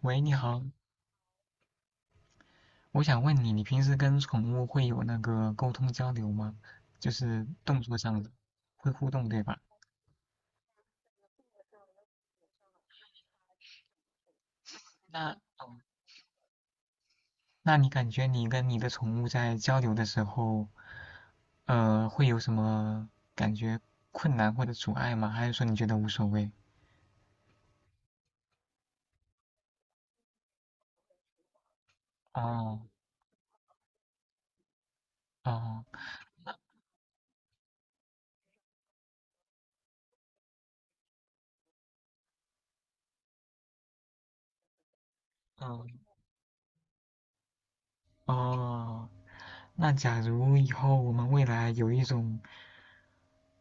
喂，你好，我想问你，你平时跟宠物会有那个沟通交流吗？就是动作上的，会互动，对吧？那哦，那你感觉你跟你的宠物在交流的时候，会有什么感觉困难或者阻碍吗？还是说你觉得无所谓？哦哦哦哦，那假如以后我们未来有一种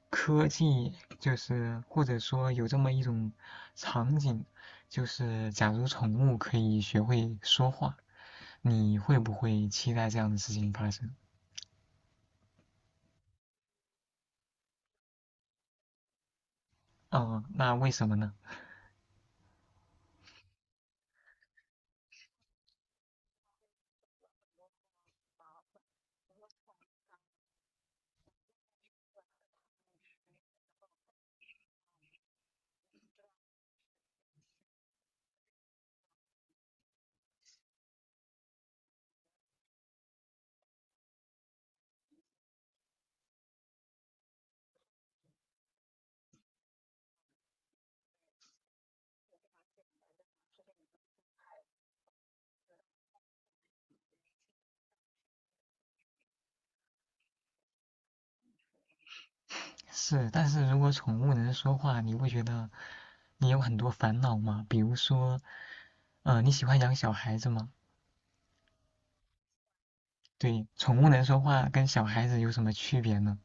科技就是或者说有这么一种场景，就是假如宠物可以学会说话，你会不会期待这样的事情发生？嗯，那为什么呢？是，但是如果宠物能说话，你会觉得你有很多烦恼吗？比如说，嗯，你喜欢养小孩子吗？对，宠物能说话跟小孩子有什么区别呢？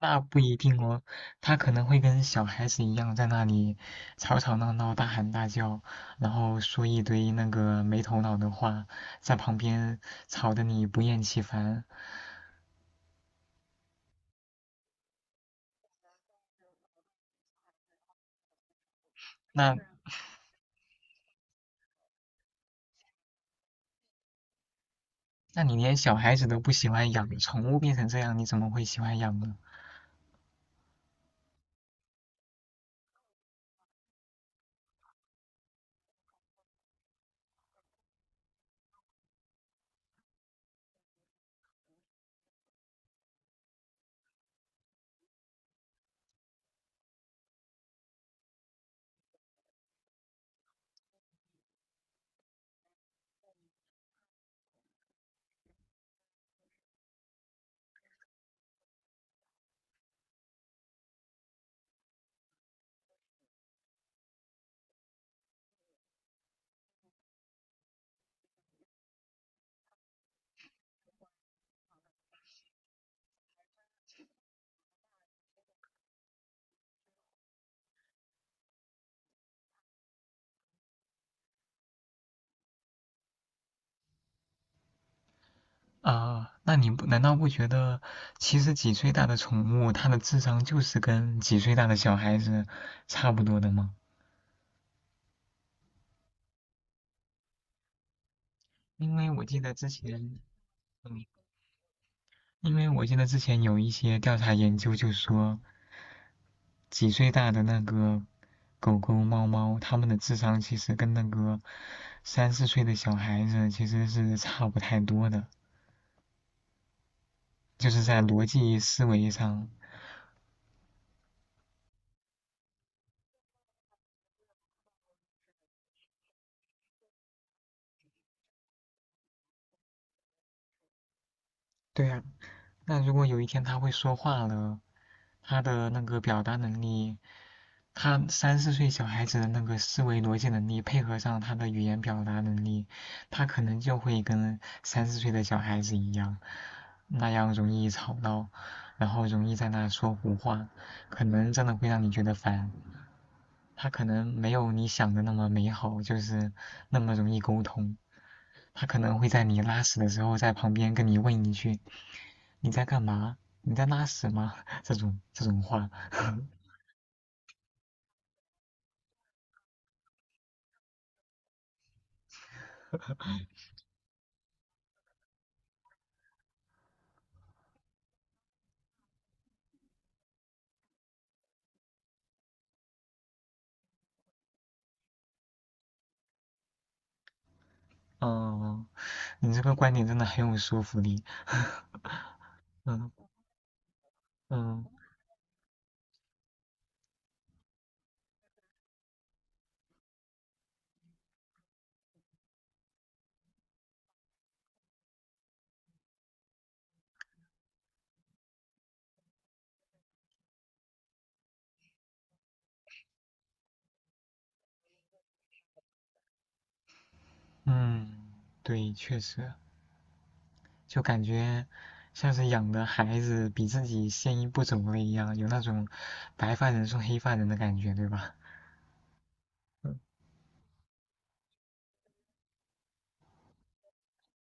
那不一定哦，他可能会跟小孩子一样在那里吵吵闹闹、大喊大叫，然后说一堆那个没头脑的话，在旁边吵得你不厌其烦。那那你连小孩子都不喜欢养，宠物变成这样，你怎么会喜欢养呢？啊、那你不难道不觉得，其实几岁大的宠物，它的智商就是跟几岁大的小孩子差不多的吗？因为我记得之前，嗯，因为我记得之前有一些调查研究就说，几岁大的那个狗狗、猫猫，它们的智商其实跟那个三四岁的小孩子其实是差不太多的，就是在逻辑思维上。对啊，那如果有一天它会说话了，它的那个表达能力他三四岁小孩子的那个思维逻辑能力，配合上他的语言表达能力，他可能就会跟三四岁的小孩子一样，那样容易吵闹，然后容易在那说胡话，可能真的会让你觉得烦。他可能没有你想的那么美好，就是那么容易沟通。他可能会在你拉屎的时候，在旁边跟你问一句：“你在干嘛？你在拉屎吗？”这种话。嗯，你这个观点真的很有说服力。嗯嗯嗯，对，确实，就感觉像是养的孩子比自己先一步走了一样，有那种白发人送黑发人的感觉，对吧？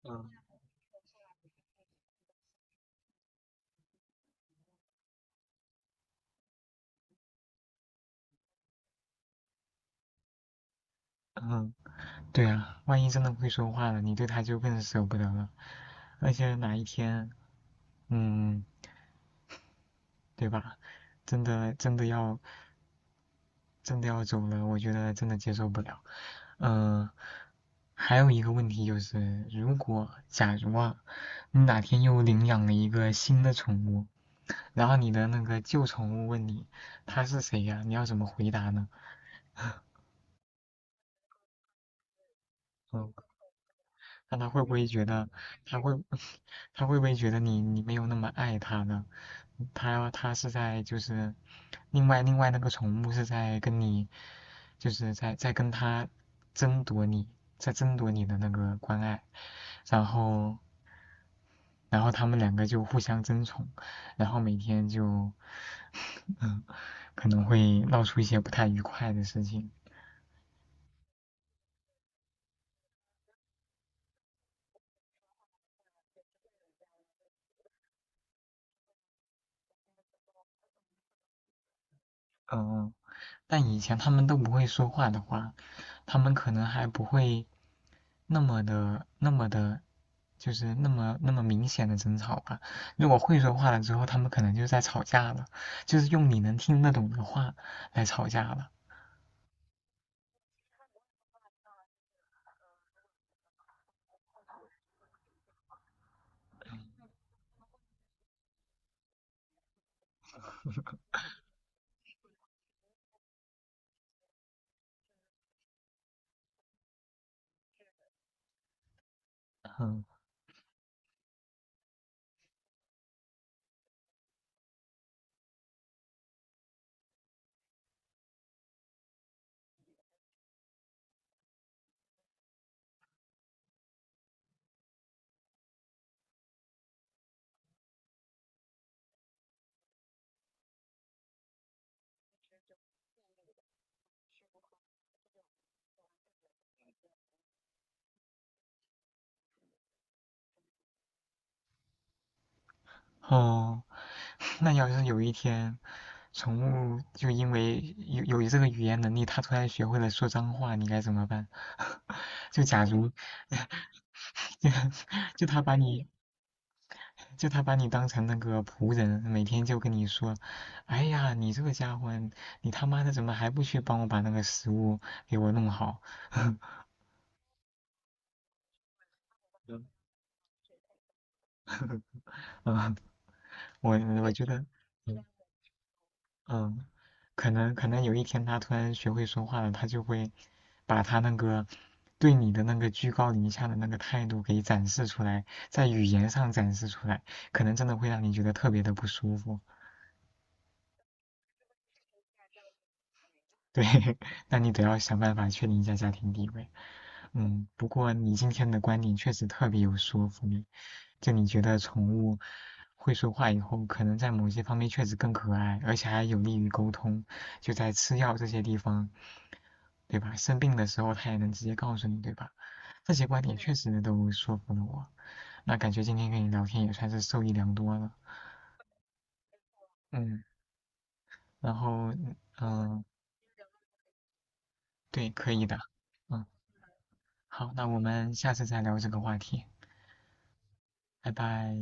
嗯嗯，对啊，万一真的会说话了，你对他就更舍不得了。而且哪一天，嗯，对吧？真的真的要真的要走了，我觉得真的接受不了。嗯、还有一个问题就是，如果假如啊，你哪天又领养了一个新的宠物，然后你的那个旧宠物问你它是谁呀、你要怎么回答呢？嗯，看他会不会觉得，他会，他会不会觉得你没有那么爱他呢？他是在就是，另外那个宠物是在跟你，就是在跟他争夺你，在争夺你的那个关爱，然后他们两个就互相争宠，然后每天就，嗯，可能会闹出一些不太愉快的事情，嗯，但以前他们都不会说话的话。他们可能还不会，那么的，就是那么明显的争吵吧。如果会说话了之后，他们可能就在吵架了，就是用你能听得懂的话来吵架了。嗯，哦，那要是有一天，宠物就因为有这个语言能力，它突然学会了说脏话，你该怎么办？就假如 就就它把你就他把你当成那个仆人，每天就跟你说：“哎呀，你这个家伙，你他妈的怎么还不去帮我把那个食物给我弄好？” 嗯，我我觉得，嗯嗯，可能有一天他突然学会说话了，他就会把他那个对你的那个居高临下的那个态度给展示出来，在语言上展示出来，可能真的会让你觉得特别的不舒服。对，那你得要想办法确定一下家庭地位。嗯，不过你今天的观点确实特别有说服力，就你觉得宠物会说话以后，可能在某些方面确实更可爱，而且还有利于沟通，就在吃药这些地方，对吧？生病的时候它也能直接告诉你，对吧？这些观点确实都说服了我，那感觉今天跟你聊天也算是受益良多了。嗯，然后嗯，对，可以的。嗯。好，那我们下次再聊这个话题，拜拜。